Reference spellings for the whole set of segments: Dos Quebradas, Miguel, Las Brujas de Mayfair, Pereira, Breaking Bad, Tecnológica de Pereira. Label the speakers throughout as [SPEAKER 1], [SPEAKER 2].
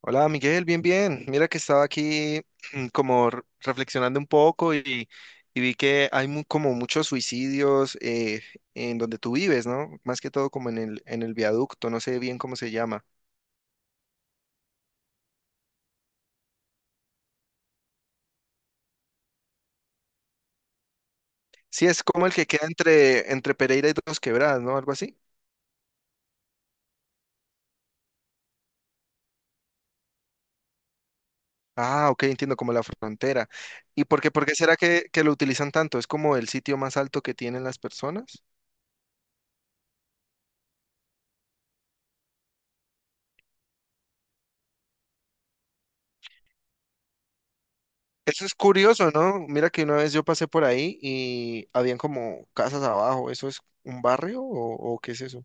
[SPEAKER 1] Hola Miguel, bien, bien. Mira que estaba aquí como reflexionando un poco y vi que hay como muchos suicidios en donde tú vives, ¿no? Más que todo como en en el viaducto, no sé bien cómo se llama. Sí, es como el que queda entre Pereira y Dos Quebradas, ¿no? Algo así. Ah, ok, entiendo, como la frontera. ¿Y por qué será que lo utilizan tanto? ¿Es como el sitio más alto que tienen las personas? Eso es curioso, ¿no? Mira que una vez yo pasé por ahí y habían como casas abajo. ¿Eso es un barrio o qué es eso?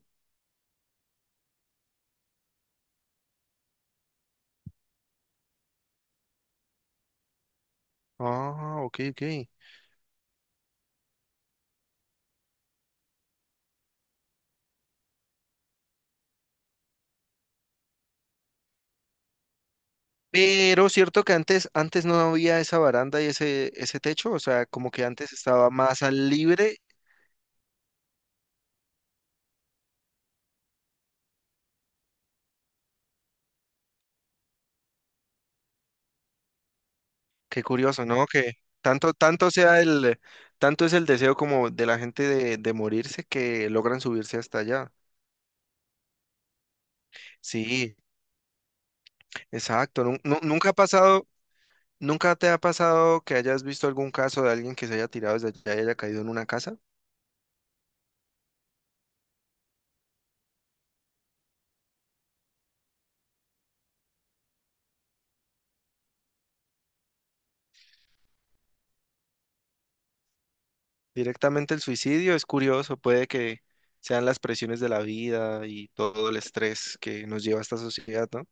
[SPEAKER 1] Ah, ok, ok. Pero cierto que antes no había esa baranda y ese techo, o sea, como que antes estaba más al libre. Qué curioso, ¿no? Que tanto sea tanto es el deseo como de la gente de morirse que logran subirse hasta allá. Sí, exacto. Nunca ha pasado. ¿Nunca te ha pasado que hayas visto algún caso de alguien que se haya tirado desde allá y haya caído en una casa? Directamente el suicidio es curioso, puede que sean las presiones de la vida y todo el estrés que nos lleva a esta sociedad, ¿no?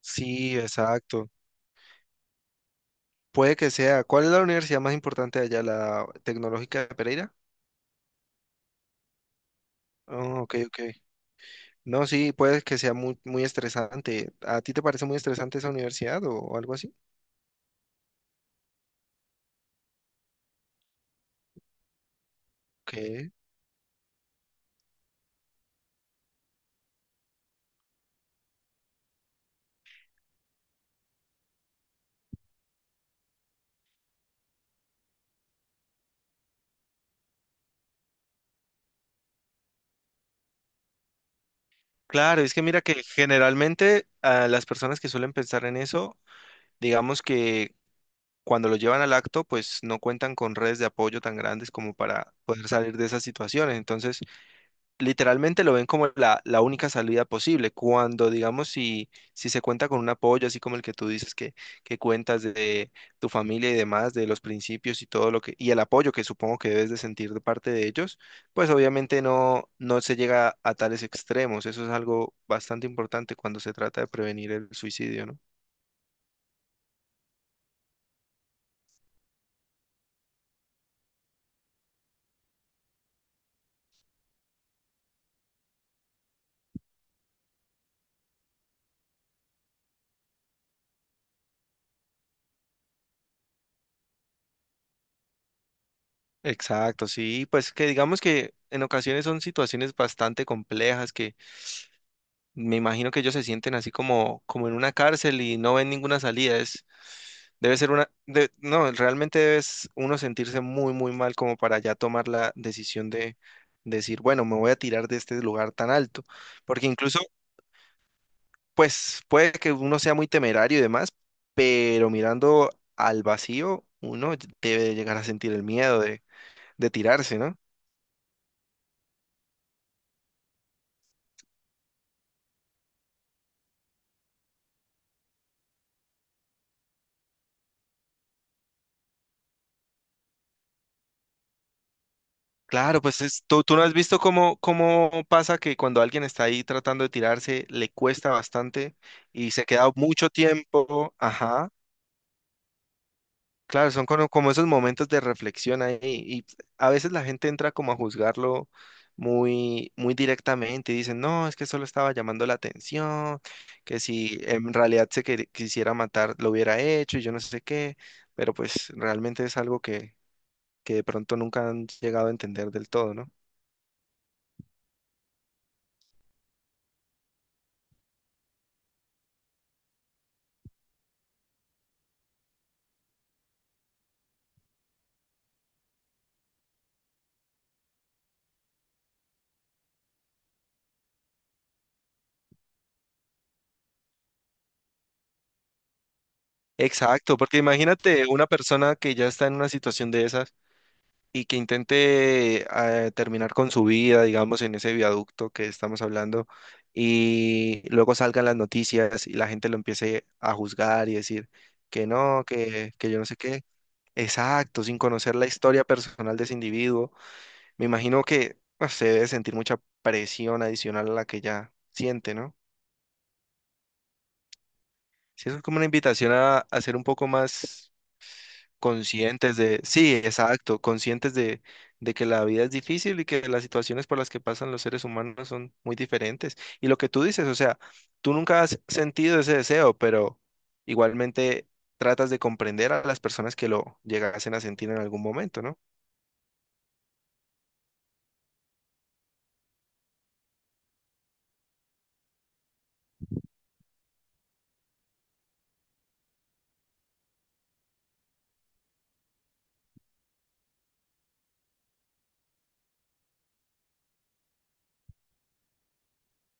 [SPEAKER 1] Sí, exacto. Puede que sea. ¿Cuál es la universidad más importante de allá? ¿La Tecnológica de Pereira? Oh, ok, ok. No, sí, puede que sea muy, muy estresante. ¿A ti te parece muy estresante esa universidad o algo así? Ok. Claro, es que mira que generalmente las personas que suelen pensar en eso. Digamos que cuando lo llevan al acto, pues no cuentan con redes de apoyo tan grandes como para poder salir de esas situaciones. Entonces, literalmente lo ven como la única salida posible. Cuando, digamos, si se cuenta con un apoyo, así como el que tú dices que cuentas de tu familia y demás, de los principios y todo lo que, y el apoyo que supongo que debes de sentir de parte de ellos, pues obviamente no se llega a tales extremos. Eso es algo bastante importante cuando se trata de prevenir el suicidio, ¿no? Exacto, sí, pues que digamos que en ocasiones son situaciones bastante complejas que me imagino que ellos se sienten así como, como en una cárcel y no ven ninguna salida. Debe ser una, de- no, realmente debes uno sentirse muy, muy mal como para ya tomar la decisión de decir, bueno, me voy a tirar de este lugar tan alto, porque incluso, pues puede que uno sea muy temerario y demás, pero mirando al vacío, uno debe llegar a sentir el miedo de tirarse, ¿no? Claro, tú, tú no has visto cómo, cómo pasa que cuando alguien está ahí tratando de tirarse, le cuesta bastante y se queda mucho tiempo. Ajá. Claro, son como, como esos momentos de reflexión ahí y a veces la gente entra como a juzgarlo muy, muy directamente y dicen, no, es que solo estaba llamando la atención, que si en realidad quisiera matar, lo hubiera hecho y yo no sé qué, pero pues realmente es algo que de pronto nunca han llegado a entender del todo, ¿no? Exacto, porque imagínate una persona que ya está en una situación de esas y que intente terminar con su vida, digamos, en ese viaducto que estamos hablando, y luego salgan las noticias y la gente lo empiece a juzgar y decir que no, que yo no sé qué. Exacto, sin conocer la historia personal de ese individuo. Me imagino que se debe sentir mucha presión adicional a la que ya siente, ¿no? Sí, eso es como una invitación a ser un poco más conscientes de, sí, exacto, conscientes de que la vida es difícil y que las situaciones por las que pasan los seres humanos son muy diferentes. Y lo que tú dices, o sea, tú nunca has sentido ese deseo, pero igualmente tratas de comprender a las personas que lo llegasen a sentir en algún momento, ¿no?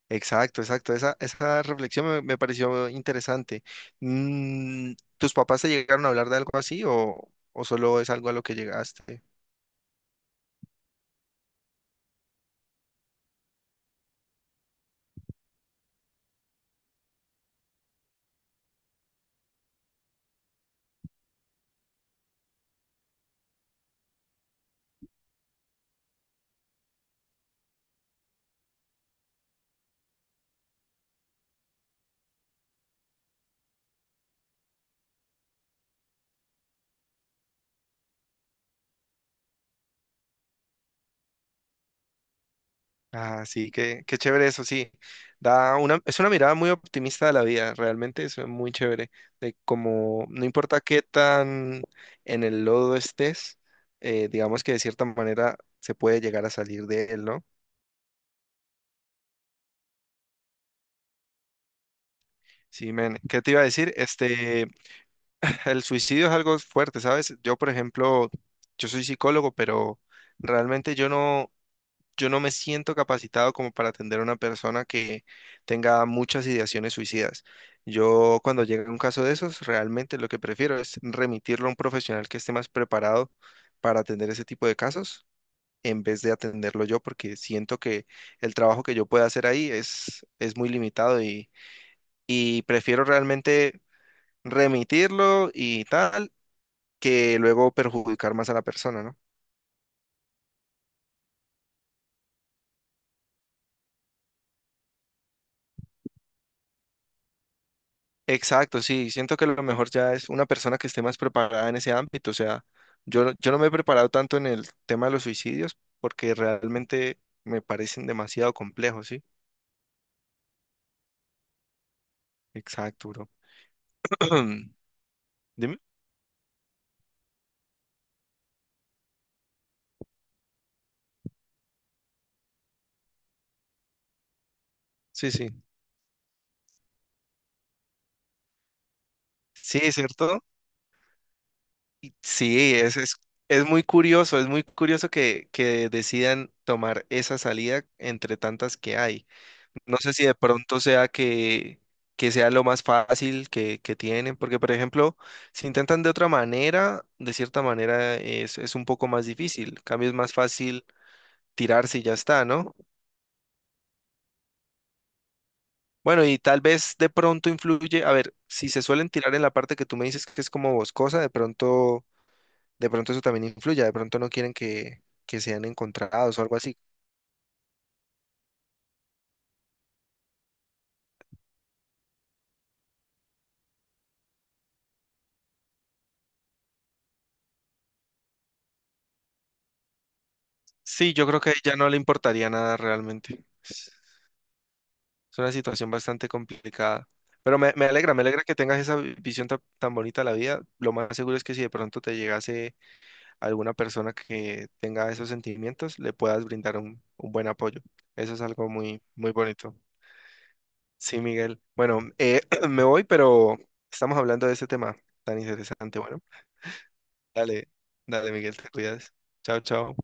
[SPEAKER 1] Exacto, exacto. Esa reflexión me pareció interesante. Mm, ¿tus papás te llegaron a hablar de algo así o solo es algo a lo que llegaste? Ah, sí, qué, qué chévere eso, sí. Da una, es una mirada muy optimista de la vida, realmente es muy chévere. De como, no importa qué tan en el lodo estés, digamos que de cierta manera se puede llegar a salir de él, ¿no? Sí, men. ¿Qué te iba a decir? Este, el suicidio es algo fuerte, ¿sabes? Yo, por ejemplo, yo soy psicólogo, pero realmente yo no. Yo no me siento capacitado como para atender a una persona que tenga muchas ideaciones suicidas. Yo cuando llega un caso de esos, realmente lo que prefiero es remitirlo a un profesional que esté más preparado para atender ese tipo de casos en vez de atenderlo yo, porque siento que el trabajo que yo pueda hacer ahí es muy limitado y prefiero realmente remitirlo y tal que luego perjudicar más a la persona, ¿no? Exacto, sí, siento que lo mejor ya es una persona que esté más preparada en ese ámbito, o sea, yo no me he preparado tanto en el tema de los suicidios porque realmente me parecen demasiado complejos, ¿sí? Exacto, bro. Dime. Sí, sí. Sí, ¿es cierto? Y Sí, es, es, es muy curioso, es muy curioso que decidan tomar esa salida entre tantas que hay. No sé si de pronto sea que sea lo más fácil que tienen, porque por ejemplo, si intentan de otra manera, de cierta manera es un poco más difícil. En cambio es más fácil tirarse y ya está, ¿no? Bueno, y tal vez de pronto influye, a ver, si se suelen tirar en la parte que tú me dices que es como boscosa, de pronto eso también influye, de pronto no quieren que sean encontrados o algo así. Sí, yo creo que a ella no le importaría nada realmente. Es una situación bastante complicada. Pero me alegra que tengas esa visión tan, bonita de la vida. Lo más seguro es que si de pronto te llegase alguna persona que tenga esos sentimientos, le puedas brindar un buen apoyo. Eso es algo muy, muy bonito. Sí, Miguel. Bueno, me voy, pero estamos hablando de este tema tan interesante. Bueno, dale, dale, Miguel, te cuidas. Chao, chao.